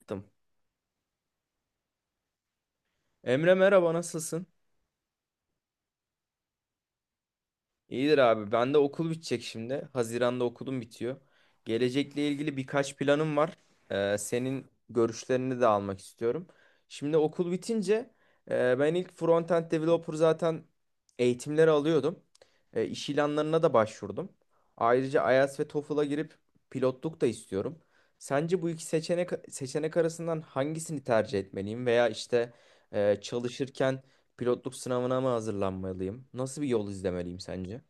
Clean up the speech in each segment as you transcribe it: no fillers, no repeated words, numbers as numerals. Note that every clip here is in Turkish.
Yaptım. Emre, merhaba, nasılsın? İyidir abi. Ben de okul bitecek şimdi. Haziran'da okulum bitiyor. Gelecekle ilgili birkaç planım var. Senin görüşlerini de almak istiyorum. Şimdi okul bitince ben ilk frontend developer zaten eğitimleri alıyordum. E, iş ilanlarına da başvurdum. Ayrıca IELTS ve TOEFL'a girip pilotluk da istiyorum. Sence bu iki seçenek arasından hangisini tercih etmeliyim, veya işte, çalışırken pilotluk sınavına mı hazırlanmalıyım? Nasıl bir yol izlemeliyim sence?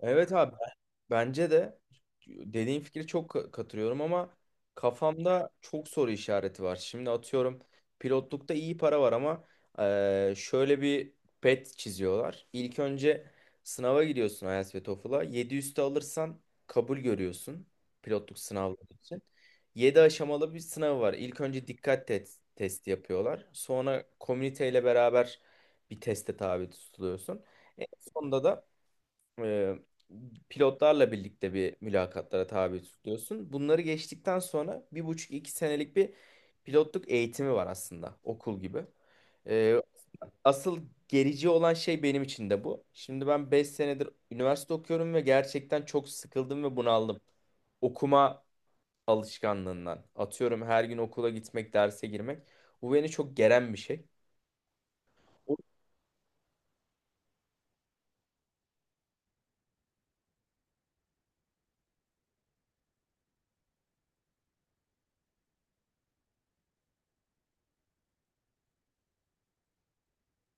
Evet abi, bence de dediğin fikri çok katılıyorum ama kafamda çok soru işareti var. Şimdi atıyorum, pilotlukta iyi para var ama şöyle bir pet çiziyorlar. İlk önce sınava giriyorsun IELTS ve TOEFL'a. Yedi üstü alırsan kabul görüyorsun pilotluk sınavları için. Yedi aşamalı bir sınavı var. İlk önce dikkat testi yapıyorlar. Sonra komüniteyle beraber bir teste tabi tutuluyorsun. En sonunda da e, pilotlarla birlikte bir mülakatlara tabi tutuyorsun. Bunları geçtikten sonra bir buçuk iki senelik bir pilotluk eğitimi var, aslında okul gibi. E, asıl gerici olan şey benim için de bu. Şimdi ben 5 senedir üniversite okuyorum ve gerçekten çok sıkıldım ve bunaldım. Okuma alışkanlığından. Atıyorum, her gün okula gitmek, derse girmek. Bu beni çok geren bir şey. O.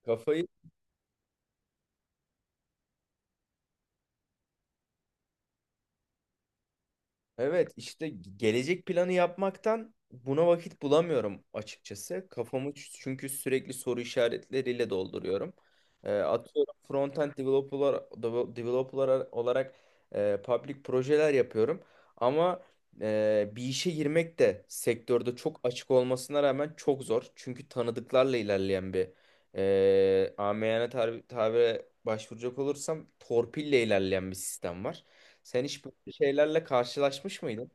Kafayı. Evet, işte gelecek planı yapmaktan buna vakit bulamıyorum açıkçası. Kafamı çünkü sürekli soru işaretleriyle dolduruyorum. Atıyorum frontend developer, developer olarak public projeler yapıyorum. Ama bir işe girmek de sektörde çok açık olmasına rağmen çok zor. Çünkü tanıdıklarla ilerleyen bir amiyane tabire başvuracak olursam torpille ilerleyen bir sistem var. Sen hiç böyle şeylerle karşılaşmış mıydın?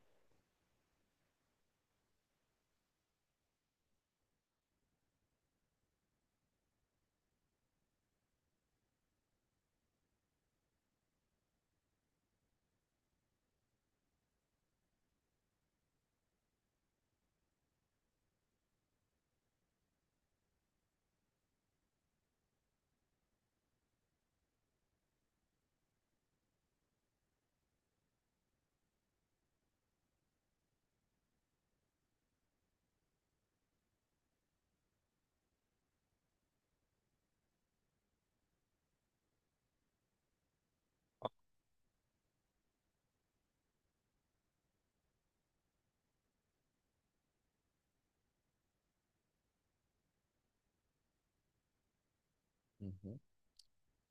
Hı hı.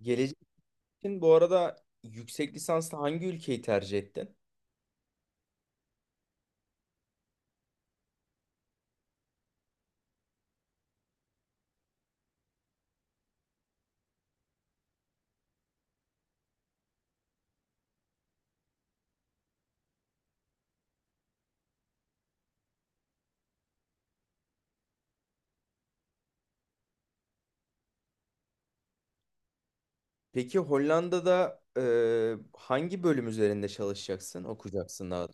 Gelecek için bu arada yüksek lisansta hangi ülkeyi tercih ettin? Peki Hollanda'da hangi bölüm üzerinde çalışacaksın, okuyacaksın daha.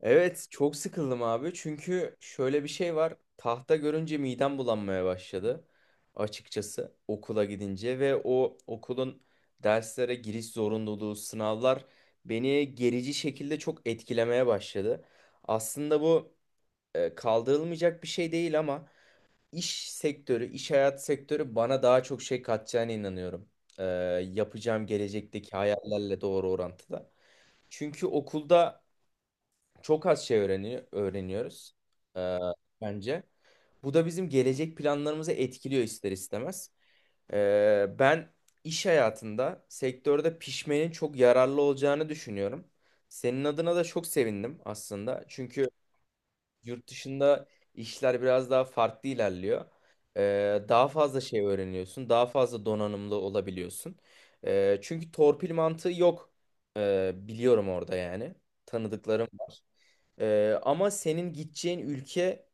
Evet, çok sıkıldım abi. Çünkü şöyle bir şey var. Tahta görünce midem bulanmaya başladı açıkçası okula gidince ve o okulun derslere giriş zorunluluğu, sınavlar beni gerici şekilde çok etkilemeye başladı. Aslında bu kaldırılmayacak bir şey değil ama iş sektörü, iş hayat sektörü bana daha çok şey katacağına inanıyorum. E, yapacağım gelecekteki hayallerle doğru orantıda. Çünkü okulda çok az şey öğreniyoruz, e, bence. Bu da bizim gelecek planlarımızı etkiliyor ister istemez. Ben iş hayatında sektörde pişmenin çok yararlı olacağını düşünüyorum. Senin adına da çok sevindim aslında. Çünkü yurt dışında işler biraz daha farklı ilerliyor. Daha fazla şey öğreniyorsun, daha fazla donanımlı olabiliyorsun. Çünkü torpil mantığı yok, biliyorum orada yani. Tanıdıklarım var. Ama senin gideceğin ülke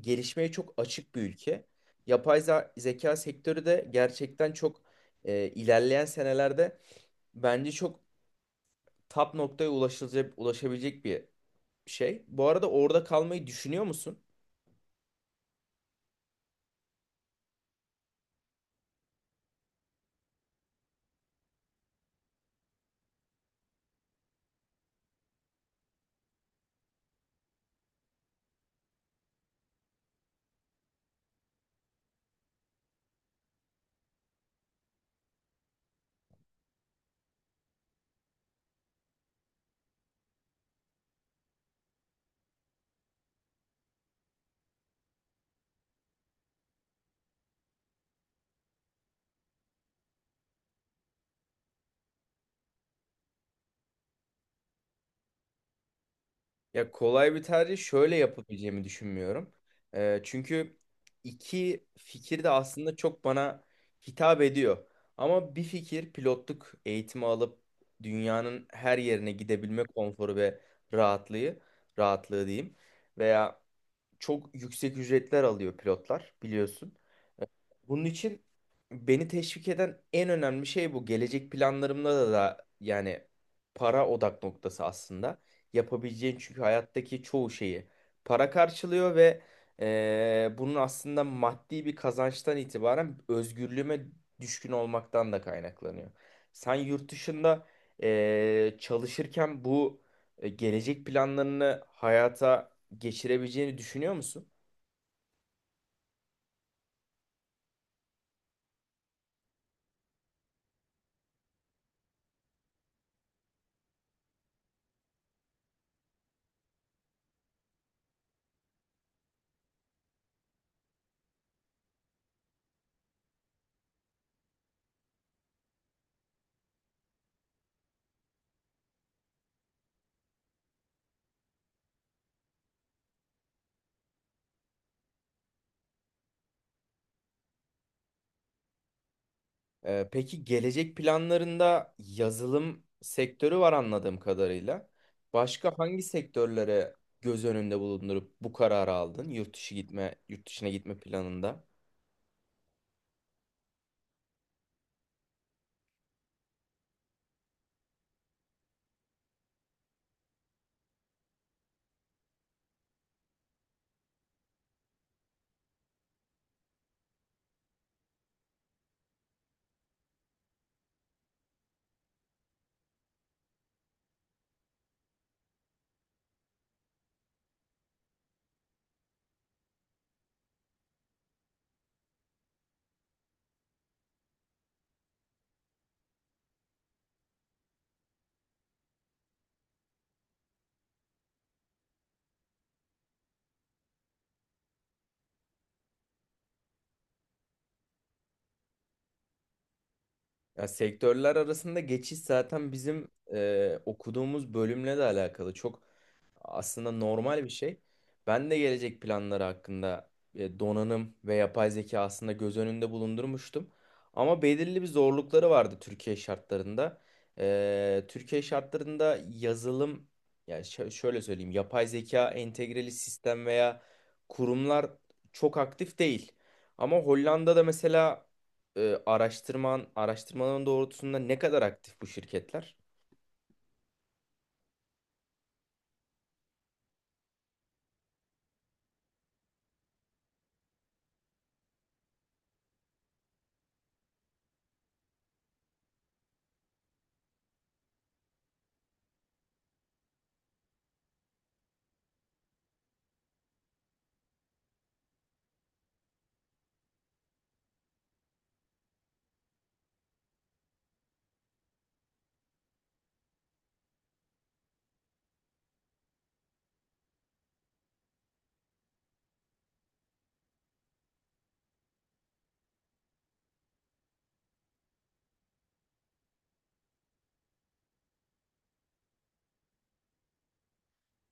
gelişmeye çok açık bir ülke. Yapay zeka sektörü de gerçekten çok ilerleyen senelerde bence çok top noktaya ulaşılacak, ulaşabilecek bir şey. Bu arada orada kalmayı düşünüyor musun? Ya, kolay bir tercih şöyle yapabileceğimi düşünmüyorum. Çünkü iki fikir de aslında çok bana hitap ediyor. Ama bir fikir, pilotluk eğitimi alıp dünyanın her yerine gidebilme konforu ve rahatlığı, rahatlığı diyeyim. Veya çok yüksek ücretler alıyor pilotlar, biliyorsun. Bunun için beni teşvik eden en önemli şey bu. Gelecek planlarımda da yani para odak noktası aslında. Yapabileceğin çünkü hayattaki çoğu şeyi para karşılıyor ve bunun aslında maddi bir kazançtan itibaren özgürlüğüme düşkün olmaktan da kaynaklanıyor. Sen yurt dışında çalışırken bu gelecek planlarını hayata geçirebileceğini düşünüyor musun? Peki gelecek planlarında yazılım sektörü var anladığım kadarıyla. Başka hangi sektörlere göz önünde bulundurup bu kararı aldın? Yurt dışına gitme planında. Ya, sektörler arasında geçiş zaten bizim okuduğumuz bölümle de alakalı. Çok aslında normal bir şey. Ben de gelecek planları hakkında donanım ve yapay zeka aslında göz önünde bulundurmuştum. Ama belirli bir zorlukları vardı Türkiye şartlarında. Türkiye şartlarında yazılım, yani şöyle söyleyeyim, yapay zeka entegreli sistem veya kurumlar çok aktif değil. Ama Hollanda'da mesela araştırmaların doğrultusunda ne kadar aktif bu şirketler?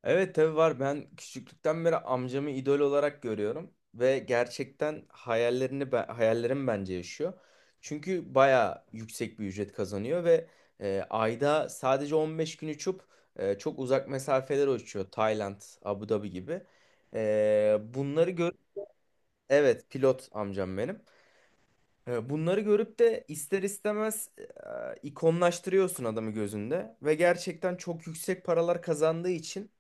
Evet tabii var. Ben küçüklükten beri amcamı idol olarak görüyorum ve gerçekten hayallerim bence yaşıyor. Çünkü bayağı yüksek bir ücret kazanıyor ve ayda sadece 15 gün uçup çok uzak mesafeler uçuyor. Tayland, Abu Dhabi gibi. Bunları gör... Evet, pilot amcam benim. Bunları görüp de ister istemez, ikonlaştırıyorsun adamı gözünde ve gerçekten çok yüksek paralar kazandığı için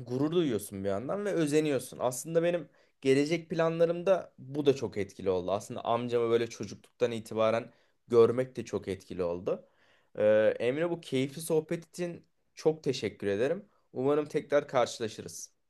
gurur duyuyorsun bir yandan ve özeniyorsun. Aslında benim gelecek planlarımda bu da çok etkili oldu. Aslında amcamı böyle çocukluktan itibaren görmek de çok etkili oldu. Emre, bu keyifli sohbet için çok teşekkür ederim. Umarım tekrar karşılaşırız.